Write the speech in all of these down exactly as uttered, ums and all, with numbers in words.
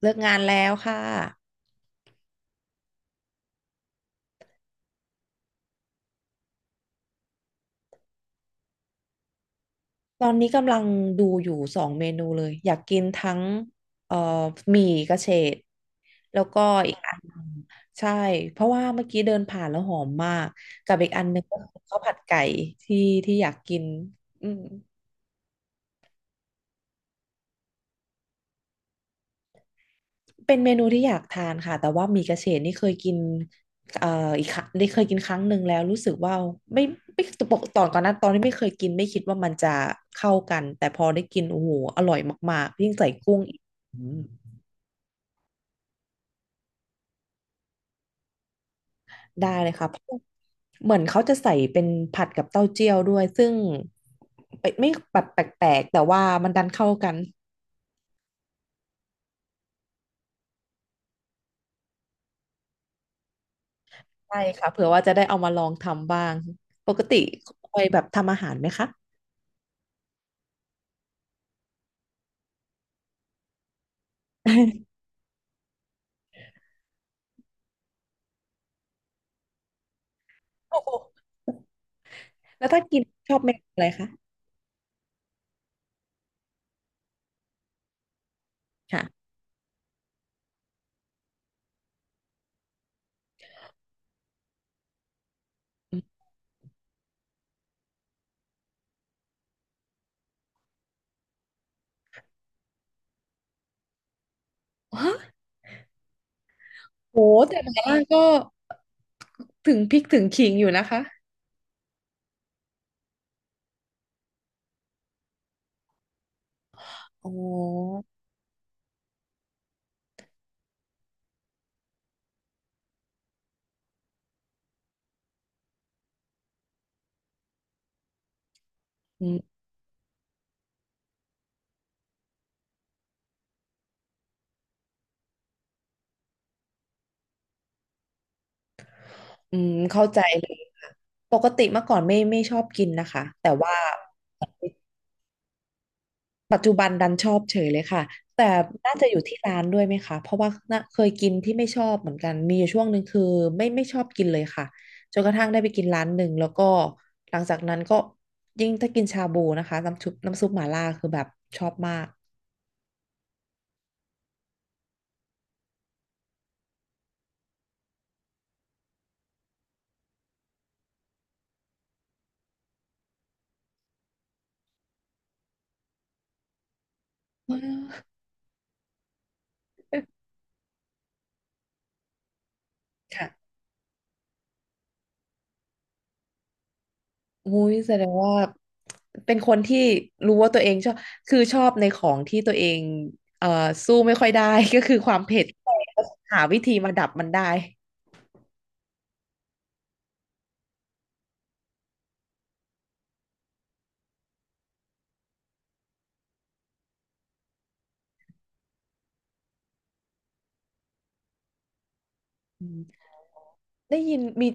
เลิกงานแล้วค่ะ ตอนนี้กำลังดูอยู่สองเมนูเลยอยากกินทั้งเอ่อหมี่กระเฉดแล้วก็อีกอันหนึ่งใช่เพราะว่าเมื่อกี้เดินผ่านแล้วหอมมากกับอีกอันหนึงก็คือข้าวผัดไก่ที่ที่อยากกินอืมเป็นเมนูที่อยากทานค่ะแต่ว่าหมี่กระเฉดนี่เคยกินเอ่ออีกครั้งได้เคยกินครั้งหนึ่งแล้วรู้สึกว่าไม่ไม่ปกตอนก่อนหน้าตอนที่ไม่เคยกินไม่คิดว่ามันจะเข้ากันแต่พอได้กินโอ้โหอร่อยมากๆยิ่งใส่กุ้ง ได้เลยค่ะเพราะเหมือนเขาจะใส่เป็นผัดกับเต้าเจี้ยวด้วยซึ่งไม่ไม่แบบแปลกๆแต่ว่ามันดันเข้ากันใช่ค่ะเผื่อว่าจะได้เอามาลองทำบ้างปกติคอยแบบทำอาหารไหมคะ โอ้โหแล้วถ้ากินชอบเมนูอะไรคะค่ะอืมฮะโหแต่หมาล่าก็ถึงพริกถึงขิงอยู่นะคะอ๋ออืมอืมเข้าใจเลยค่ะปกติเมื่อก่อนไม่ไม่ชอบกินนะคะแต่ว่า ปัจจุบันดันชอบเฉยเลยค่ะแต่น่าจะอยู่ที่ร้านด้วยไหมคะเพราะว่าน่ะเคยกินที่ไม่ชอบเหมือนกันมีอยู่ช่วงหนึ่งคือไม่ไม่ชอบกินเลยค่ะจนกระทั่งได้ไปกินร้านหนึ่งแล้วก็หลังจากนั้นก็ยิ่งถ้ากินชาบูนะคะน้ำซุปน้ำซุปหม่าล่าคือแบบชอบมาก ค่ะอุ้ยแสดงว่าเป็นคนที่รู้ว่าตัวเองชอบคือชอบในของที่ตัวเองเอ่อสู้ไม่ค่อยได้ ก็คือความเผ็ดแต่หาวิธีมาดับมันได้อืม ได้ยินมี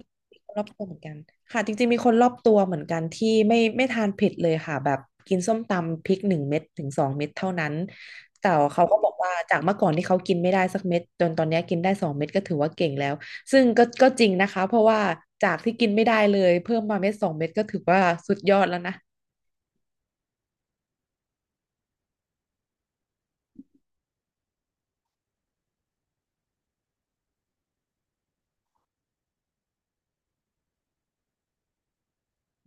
คนรอบตัวเหมือนกันค่ะจริงๆมีคนรอบตัวเหมือนกันที่ไม่ไม่ทานเผ็ดเลยค่ะแบบกินส้มตำพริกหนึ่งเม็ดถึงสองเม็ดเท่านั้นแต่เขาก็บอกว่าจากเมื่อก่อนที่เขากินไม่ได้สักเม็ดจนตอนเนี้ยกินได้สองเม็ดก็ถือว่าเก่งแล้วซึ่งก็ก็จริงนะคะเพราะว่าจากที่กินไม่ได้เลยเพิ่มมาเม็ดสองเม็ดก็ถือว่าสุดยอดแล้วนะ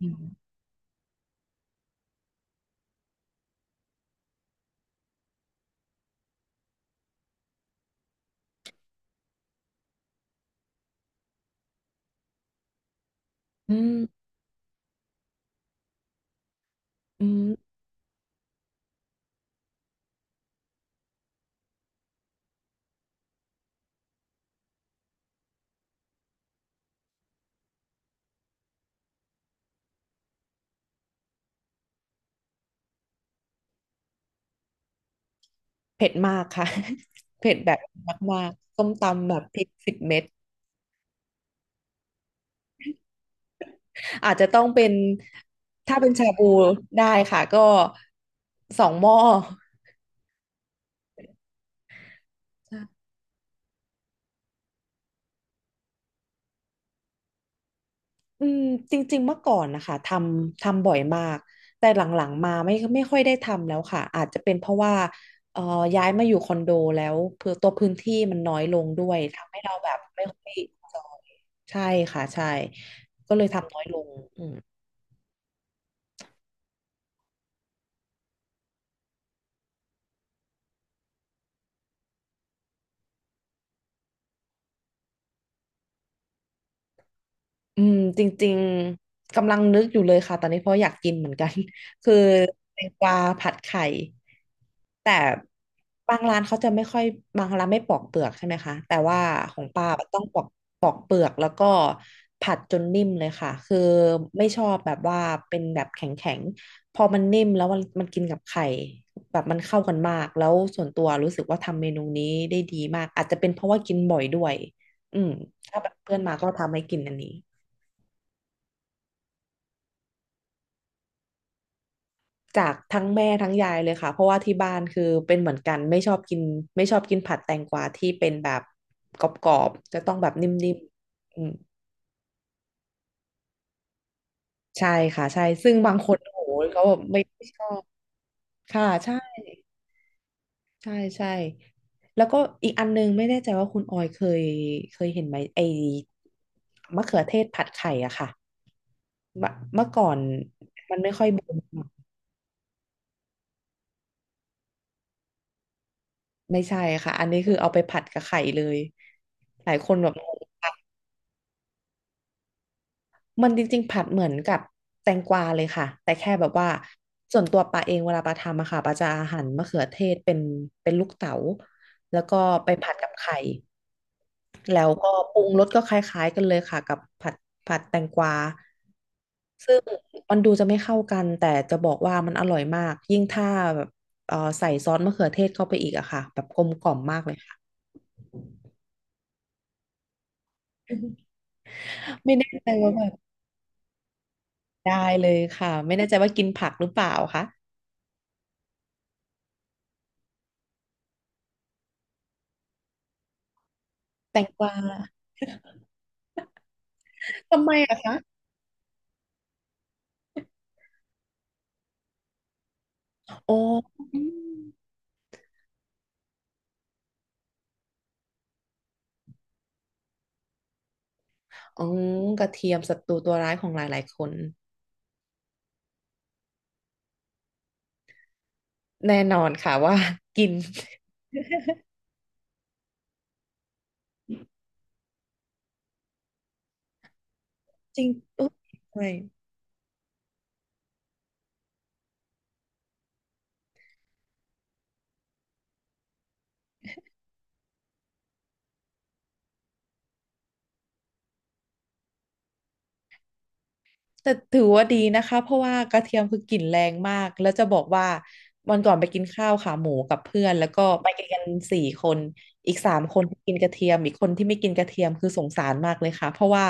อืมอืมอืมเผ็ดมากค่ะ เผ็ดแบบมากๆส้มตำแบบพริกสิบเม็ด อาจจะต้องเป็นถ้าเป็นชาบูได้ค่ะก็สองหม้ออืมจริงๆเมื่อก่อนนะคะทำทำบ่อยมากแต่หลังๆมาไม่ไม่ค่อยได้ทำแล้วค่ะอาจจะเป็นเพราะว่าเอ่อย้ายมาอยู่คอนโดแล้วเพื่อตัวพื้นที่มันน้อยลงด้วยทำให้เราแบบไม่ค่อยใช่ค่ะใช่ก็เลยทำน้อยลงอืม อืมจริงๆกำลังนึกอยู่เลยค่ะตอนนี้เพราะอยากกินเหมือนกัน คือแตงกวาผัดไข่แต่บางร้านเขาจะไม่ค่อยบางร้านไม่ปอกเปลือกใช่ไหมคะแต่ว่าของป้าต้องปอกปอกเปลือกแล้วก็ผัดจนนิ่มเลยค่ะคือไม่ชอบแบบว่าเป็นแบบแข็งๆพอมันนิ่มแล้วมันมันกินกับไข่แบบมันเข้ากันมากแล้วส่วนตัวรู้สึกว่าทำเมนูนี้ได้ดีมากอาจจะเป็นเพราะว่ากินบ่อยด้วยอืมถ้าแบบเพื่อนมาก็ทำให้กินอันนี้ จากทั้งแม่ทั้งยายเลยค่ะเพราะว่าที่บ้านคือเป็นเหมือนกันไม่ชอบกินไม่ชอบกินผัดแตงกวาที่เป็นแบบกรอบๆจะต้องแบบนิ่มๆอืมใช่ค่ะใช่ซึ่งบางคนโอ้โหเขาแบบไม่ไม่ชอบค่ะใช่ใช่ใช่แล้วก็อีกอันนึงไม่แน่ใจว่าคุณออยเคยเคยเห็นไหมไอ้มะเขือเทศผัดไข่อะค่ะเมื่อเมื่อก่อนไม่ใช่ค่ะอันนี้คือเอาไปผัดกับไข่เลยหลายคนแบบงง มันจริงๆผัดเหมือนกับแตงกวาเลยค่ะแต่แค่แบบว่าส่วนตัวปาเองเวลาปาทำอะค่ะปาจะหั่นมะเขือเทศเป็นเป็นลูกเต๋าแล้วก็ไปผัดกับไข่แล้วก็ปรุงรสก็คล้ายๆกันเลยค่ะกับผัดผัดแตงกวาซึ่งมันดูจะไม่เข้ากันแต่จะบอกว่ามันอร่อยมากยิ่งถ้าแบบเอ่อใส่ซอสมะเขือเทศเข้าไปอีกอะค่ะแบบกลมกล่อมมากเลยค่ะ ไม่แน่ใจว่าแบบได้เลยค่ะไม่แน่ใจว่ากินผักหรือเปล่าคะแตงกวาทำไมอะคะ โอ้อืมอืมกระเทียมศัตรูตัวร้ายของหลายๆคนแน่นอนค่ะว่า กิน จริงอุ๊ยใช่ แต่ถือว่าดีนะคะเพราะว่ากระเทียมคือกลิ่นแรงมากแล้วจะบอกว่าวันก่อนไปกินข้าวขาหมูกับเพื่อนแล้วก็ไปกินกันสี่คนอีกสามคนที่กินกระเทียมอีกคนที่ไม่กินกระเทียมคือสงสารมากเลยค่ะเพราะว่า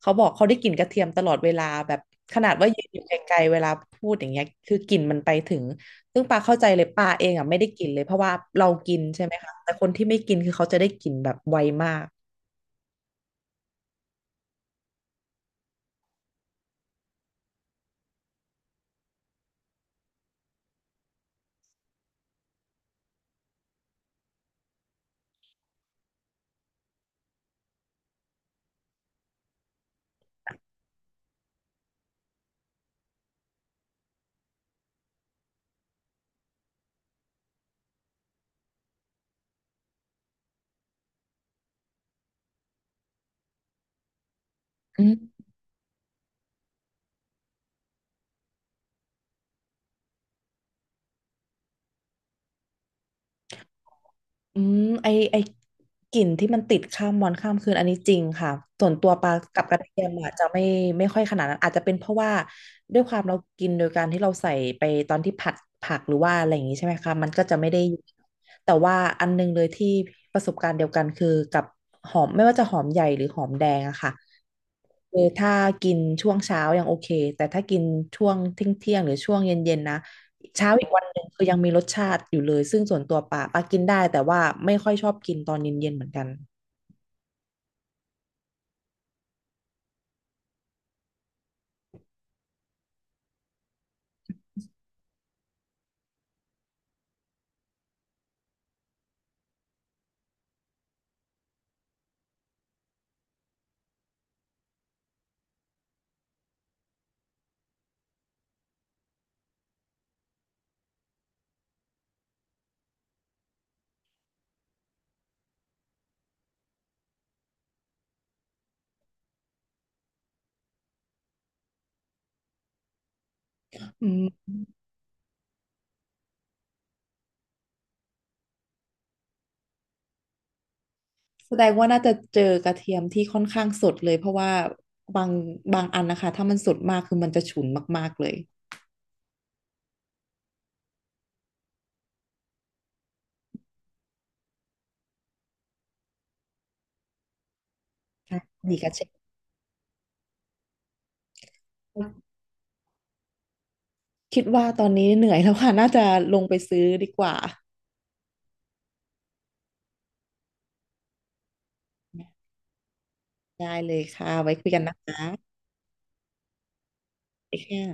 เขาบอกเขาได้กลิ่นกระเทียมตลอดเวลาแบบขนาดว่ายืนอยู่ไกลๆเวลาพูดอย่างเงี้ยคือกลิ่นมันไปถึงซึ่งปาเข้าใจเลยปาเองอ่ะไม่ได้กลิ่นเลยเพราะว่าเรากินใช่ไหมคะแต่คนที่ไม่กินคือเขาจะได้กลิ่นแบบไวมากอืม อืมไอไอกลิ่นที่มันติดข้ามวันข้ามคืนอันนี้จริงค่ะส่วนตัวปลากับกระเทียมอาจจะไม่ไม่ค่อยขนาดนั้นอาจจะเป็นเพราะว่าด้วยความเรากินโดยการที่เราใส่ไปตอนที่ผัดผักหรือว่าอะไรอย่างนี้ใช่ไหมคะมันก็จะไม่ได้อยู่แต่ว่าอันนึงเลยที่ประสบการณ์เดียวกันคือกับหอมไม่ว่าจะหอมใหญ่หรือหอมแดงอะค่ะคือถ้ากินช่วงเช้ายังโอเคแต่ถ้ากินช่วงเที่ยงเที่ยงหรือช่วงเย็นๆนะ เช้าอีกวันหนึ่งคือยังมีรสชาติอยู่เลยซึ่งส่วนตัวป่าป่ากินได้แต่ว่าไม่ค่อยชอบกินตอนเย็นๆเหมือนกันอืมแสดงว่าน่าจะเจอกระเทียมที่ค่อนข้างสดเลยเพราะว่าบางบางอันนะคะถ้ามันสดมากคือมันจะฉุนมากๆเลยค่ะดีกระเชฟคิดว่าตอนนี้เหนื่อยแล้วค่ะน่าจะลงไปซื้อดีกว่าได้เลยค่ะไว้คุยกันนะคะไคค่ะ